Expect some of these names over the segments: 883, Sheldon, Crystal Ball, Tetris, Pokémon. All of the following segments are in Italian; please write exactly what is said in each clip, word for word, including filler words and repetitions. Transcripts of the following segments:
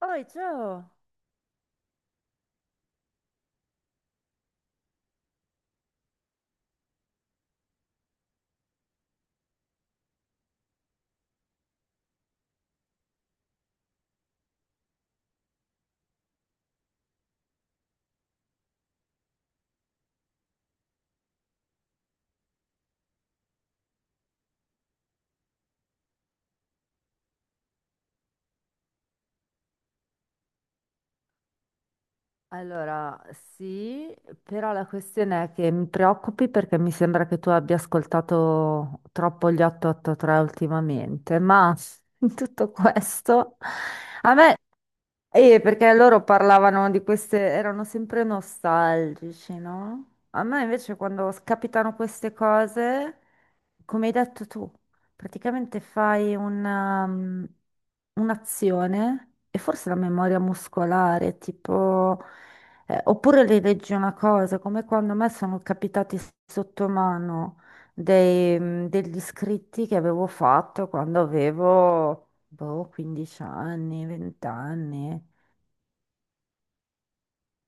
Oi, ciao! Allora, sì, però la questione è che mi preoccupi perché mi sembra che tu abbia ascoltato troppo gli otto otto tre ultimamente, ma in tutto questo a me... Eh, perché loro parlavano di queste, erano sempre nostalgici, no? A me invece quando s- capitano queste cose, come hai detto tu, praticamente fai una, mm, un'azione e forse la memoria muscolare, tipo, eh, oppure rileggi una cosa, come quando a me sono capitati s- sotto mano dei, mm, degli scritti che avevo fatto quando avevo boh, quindici anni, venti anni.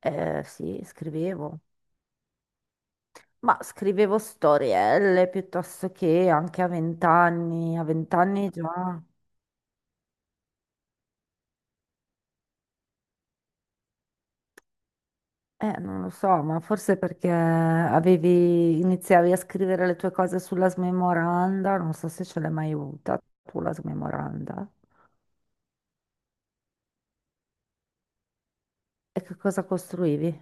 Eh, sì, scrivevo. Ma scrivevo storielle piuttosto che anche a venti anni. A venti anni già. Eh, non lo so, ma forse perché avevi, iniziavi a scrivere le tue cose sulla smemoranda, non so se ce l'hai mai avuta tu la smemoranda. E che cosa costruivi?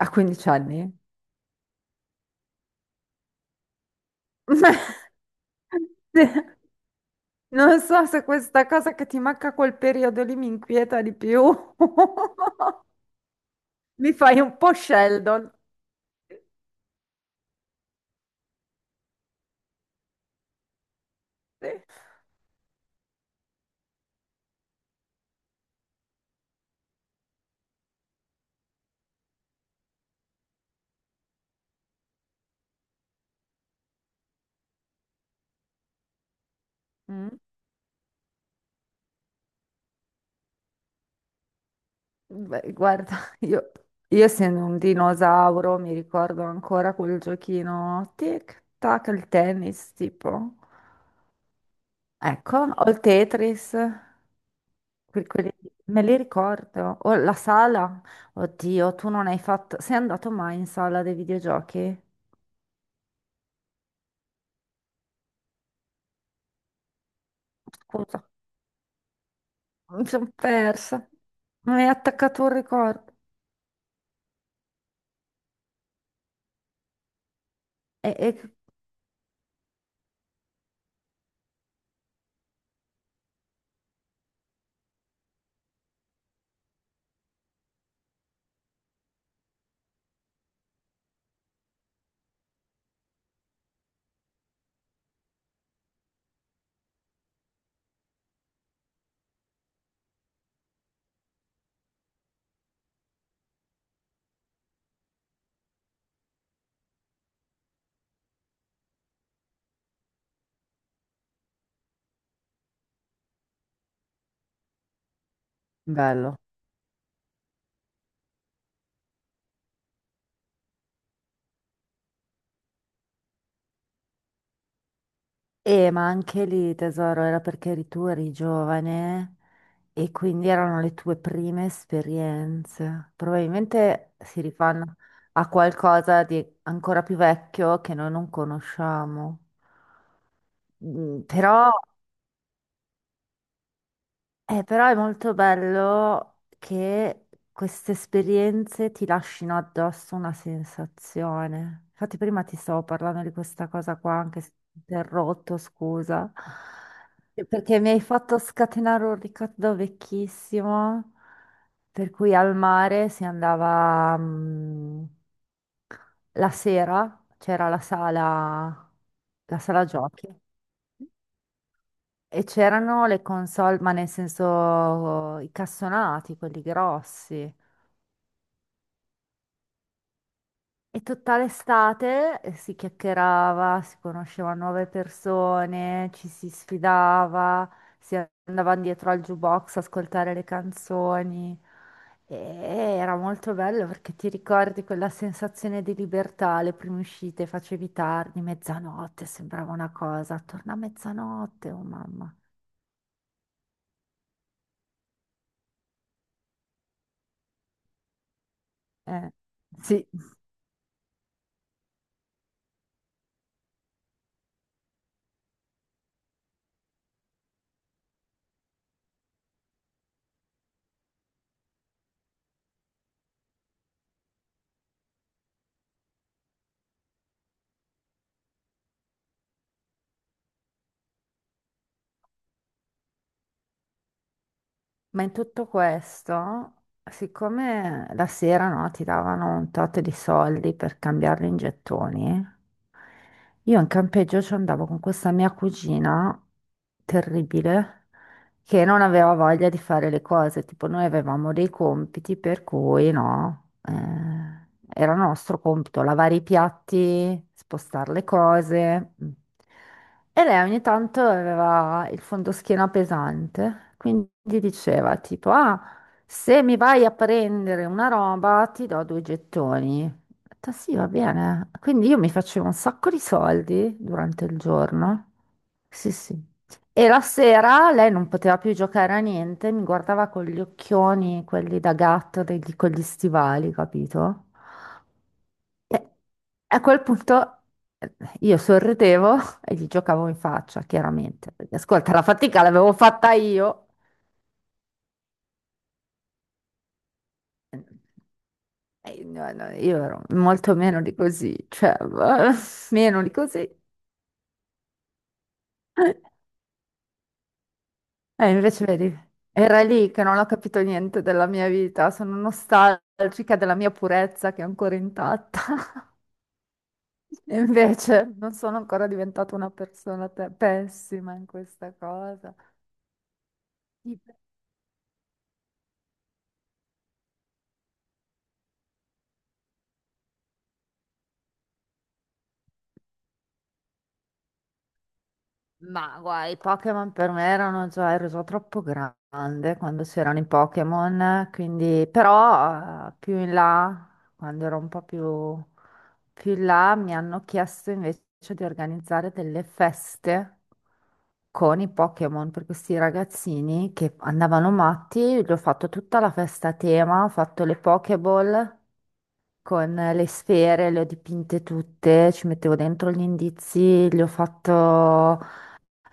A quindici anni? Sì. Non so se questa cosa che ti manca quel periodo lì mi inquieta di più. Mi fai un po' Sheldon. Sì. Mm. Beh, guarda, io, io essendo un dinosauro mi ricordo ancora quel giochino tic tac, il tennis tipo. Ecco, o il Tetris, que- quelli- me li ricordo. O la sala. Oddio, tu non hai fatto... Sei andato mai in sala dei videogiochi? Scusa. Mi sono persa. Mi hai attaccato un ricordo. E, e- Bello. Eh, ma anche lì, tesoro, era perché eri tu, eri giovane e quindi erano le tue prime esperienze. Probabilmente si rifanno a qualcosa di ancora più vecchio che noi non conosciamo. Mm, però. Eh, però è molto bello che queste esperienze ti lasciano addosso una sensazione. Infatti prima ti stavo parlando di questa cosa qua, anche se ti ho interrotto, scusa, perché mi hai fatto scatenare un ricordo vecchissimo, per cui al mare si andava, mm, la sera, c'era la sala, la sala giochi. E c'erano le console, ma nel senso i cassonati, quelli grossi. E tutta l'estate eh, si chiacchierava, si conoscevano nuove persone, ci si sfidava, si andava dietro al jukebox a ascoltare le canzoni. E era molto bello perché ti ricordi quella sensazione di libertà, le prime uscite, facevi tardi, mezzanotte, sembrava una cosa, torna a mezzanotte, oh mamma. Eh, sì. Ma in tutto questo, siccome la sera, no, ti davano un tot di soldi per cambiarli in gettoni, io in campeggio ci andavo con questa mia cugina terribile che non aveva voglia di fare le cose. Tipo, noi avevamo dei compiti per cui no, eh, era nostro compito lavare i piatti, spostare le cose. Mm. E lei ogni tanto aveva il fondoschiena pesante, quindi diceva tipo, ah, se mi vai a prendere una roba ti do due gettoni. Ho detto, sì, va bene. Quindi io mi facevo un sacco di soldi durante il giorno. Sì, sì. E la sera lei non poteva più giocare a niente, mi guardava con gli occhioni, quelli da gatto, degli- con gli stivali, capito? E a quel punto eh, io sorridevo e gli giocavo in faccia, chiaramente. Perché, ascolta, la fatica l'avevo fatta io. E no, no, io ero molto meno di così, cioè, meno di così. E invece, vedi, era lì che non ho capito niente della mia vita, sono nostalgica della mia purezza che è ancora intatta. E invece non sono ancora diventata una persona pe- pessima in questa cosa. I pe- Ma guai, i Pokémon per me erano già, ero già troppo grande quando c'erano i Pokémon, quindi però eh, più in là, quando ero un po' più, più in là, mi hanno chiesto invece di organizzare delle feste con i Pokémon per questi ragazzini che andavano matti, gli ho fatto tutta la festa a tema, ho fatto le Pokéball, con le sfere, le ho dipinte tutte, ci mettevo dentro gli indizi, gli ho fatto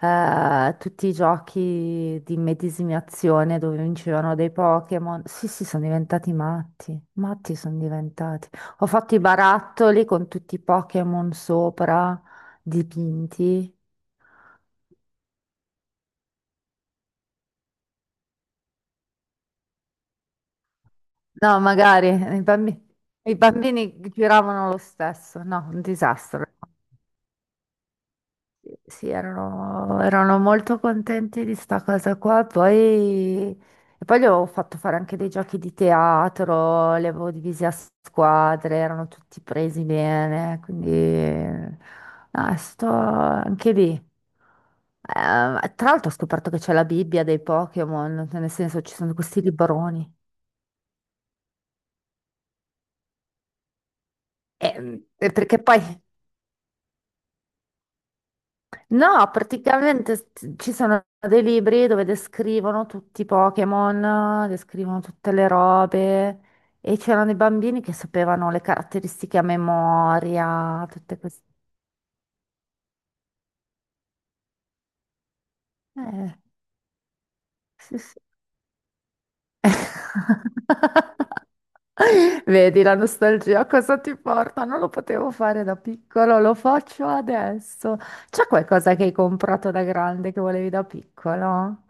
eh, tutti i giochi di medesimazione dove vincevano dei Pokémon. Sì, sì, sono diventati matti, matti sono diventati. Ho fatto i barattoli con tutti i Pokémon sopra, dipinti. No, magari i bambini, i bambini giravano lo stesso, no, un disastro. Sì, erano, erano molto contenti di sta cosa qua. Poi, e poi gli avevo fatto fare anche dei giochi di teatro, li avevo divisi a squadre, erano tutti presi bene, quindi no, sto anche lì. Eh, tra l'altro ho scoperto che c'è la Bibbia dei Pokémon, nel senso ci sono questi libroni. E- e perché poi No, praticamente st- ci sono dei libri dove descrivono tutti i Pokémon, descrivono tutte le robe e c'erano dei bambini che sapevano le caratteristiche a memoria, tutte queste... Eh, sì, sì. Vedi la nostalgia, a cosa ti porta? Non lo potevo fare da piccolo, lo faccio adesso. C'è qualcosa che hai comprato da grande che volevi da piccolo?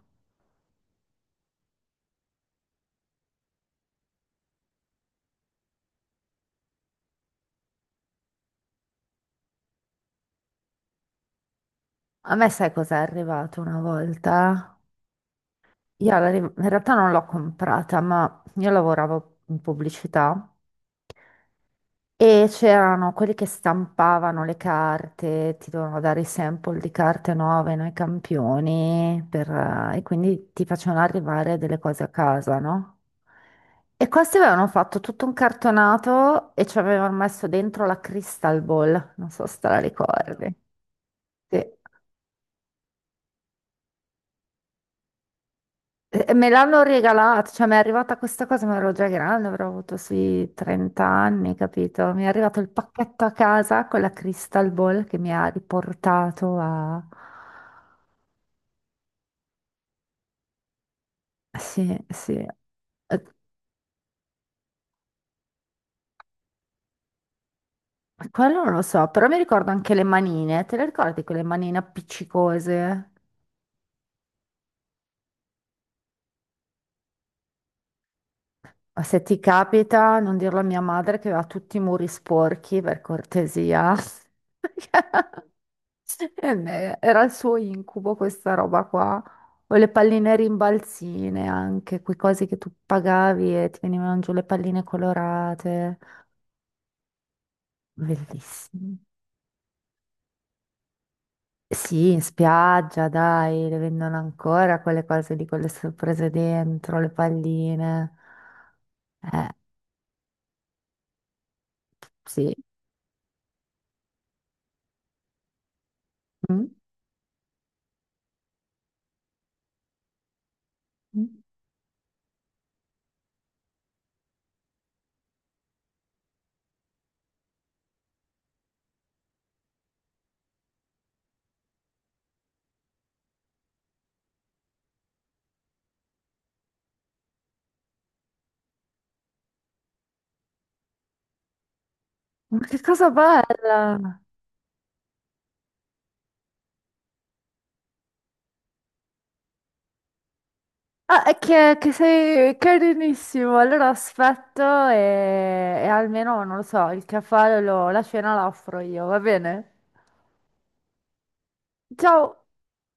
A me sai cos'è arrivato una volta? Io la- in realtà non l'ho comprata, ma io lavoravo in pubblicità e c'erano quelli che stampavano le carte, ti dovevano dare i sample di carte nuove, noi campioni, per, eh, e quindi ti facevano arrivare delle cose a casa, no? E questi avevano fatto tutto un cartonato e ci avevano messo dentro la Crystal Ball, non so se te la ricordi. Sì. Eh, Me l'hanno regalata, cioè mi è arrivata questa cosa, ma ero già grande, avrò avuto sui trenta anni, capito? Mi è arrivato il pacchetto a casa con la Crystal Ball che mi ha riportato a... Sì, sì. Eh, Quello non lo so, però mi ricordo anche le manine. Te le ricordi quelle manine appiccicose? Ma se ti capita, non dirlo a mia madre che aveva tutti i muri sporchi, per cortesia. Eh beh, era il suo incubo questa roba qua, o le palline rimbalzine anche, quei cosi che tu pagavi e ti venivano giù le palline colorate, bellissime. Sì, in spiaggia, dai, le vendono ancora quelle cose lì con le sorprese dentro, le palline. Eh, sì. Mm, mm. Ma che cosa bella! Ah, è che, che sei carinissimo. Allora aspetto e, e almeno, non lo so, il caffè, lo- la cena la offro io, va bene? Ciao!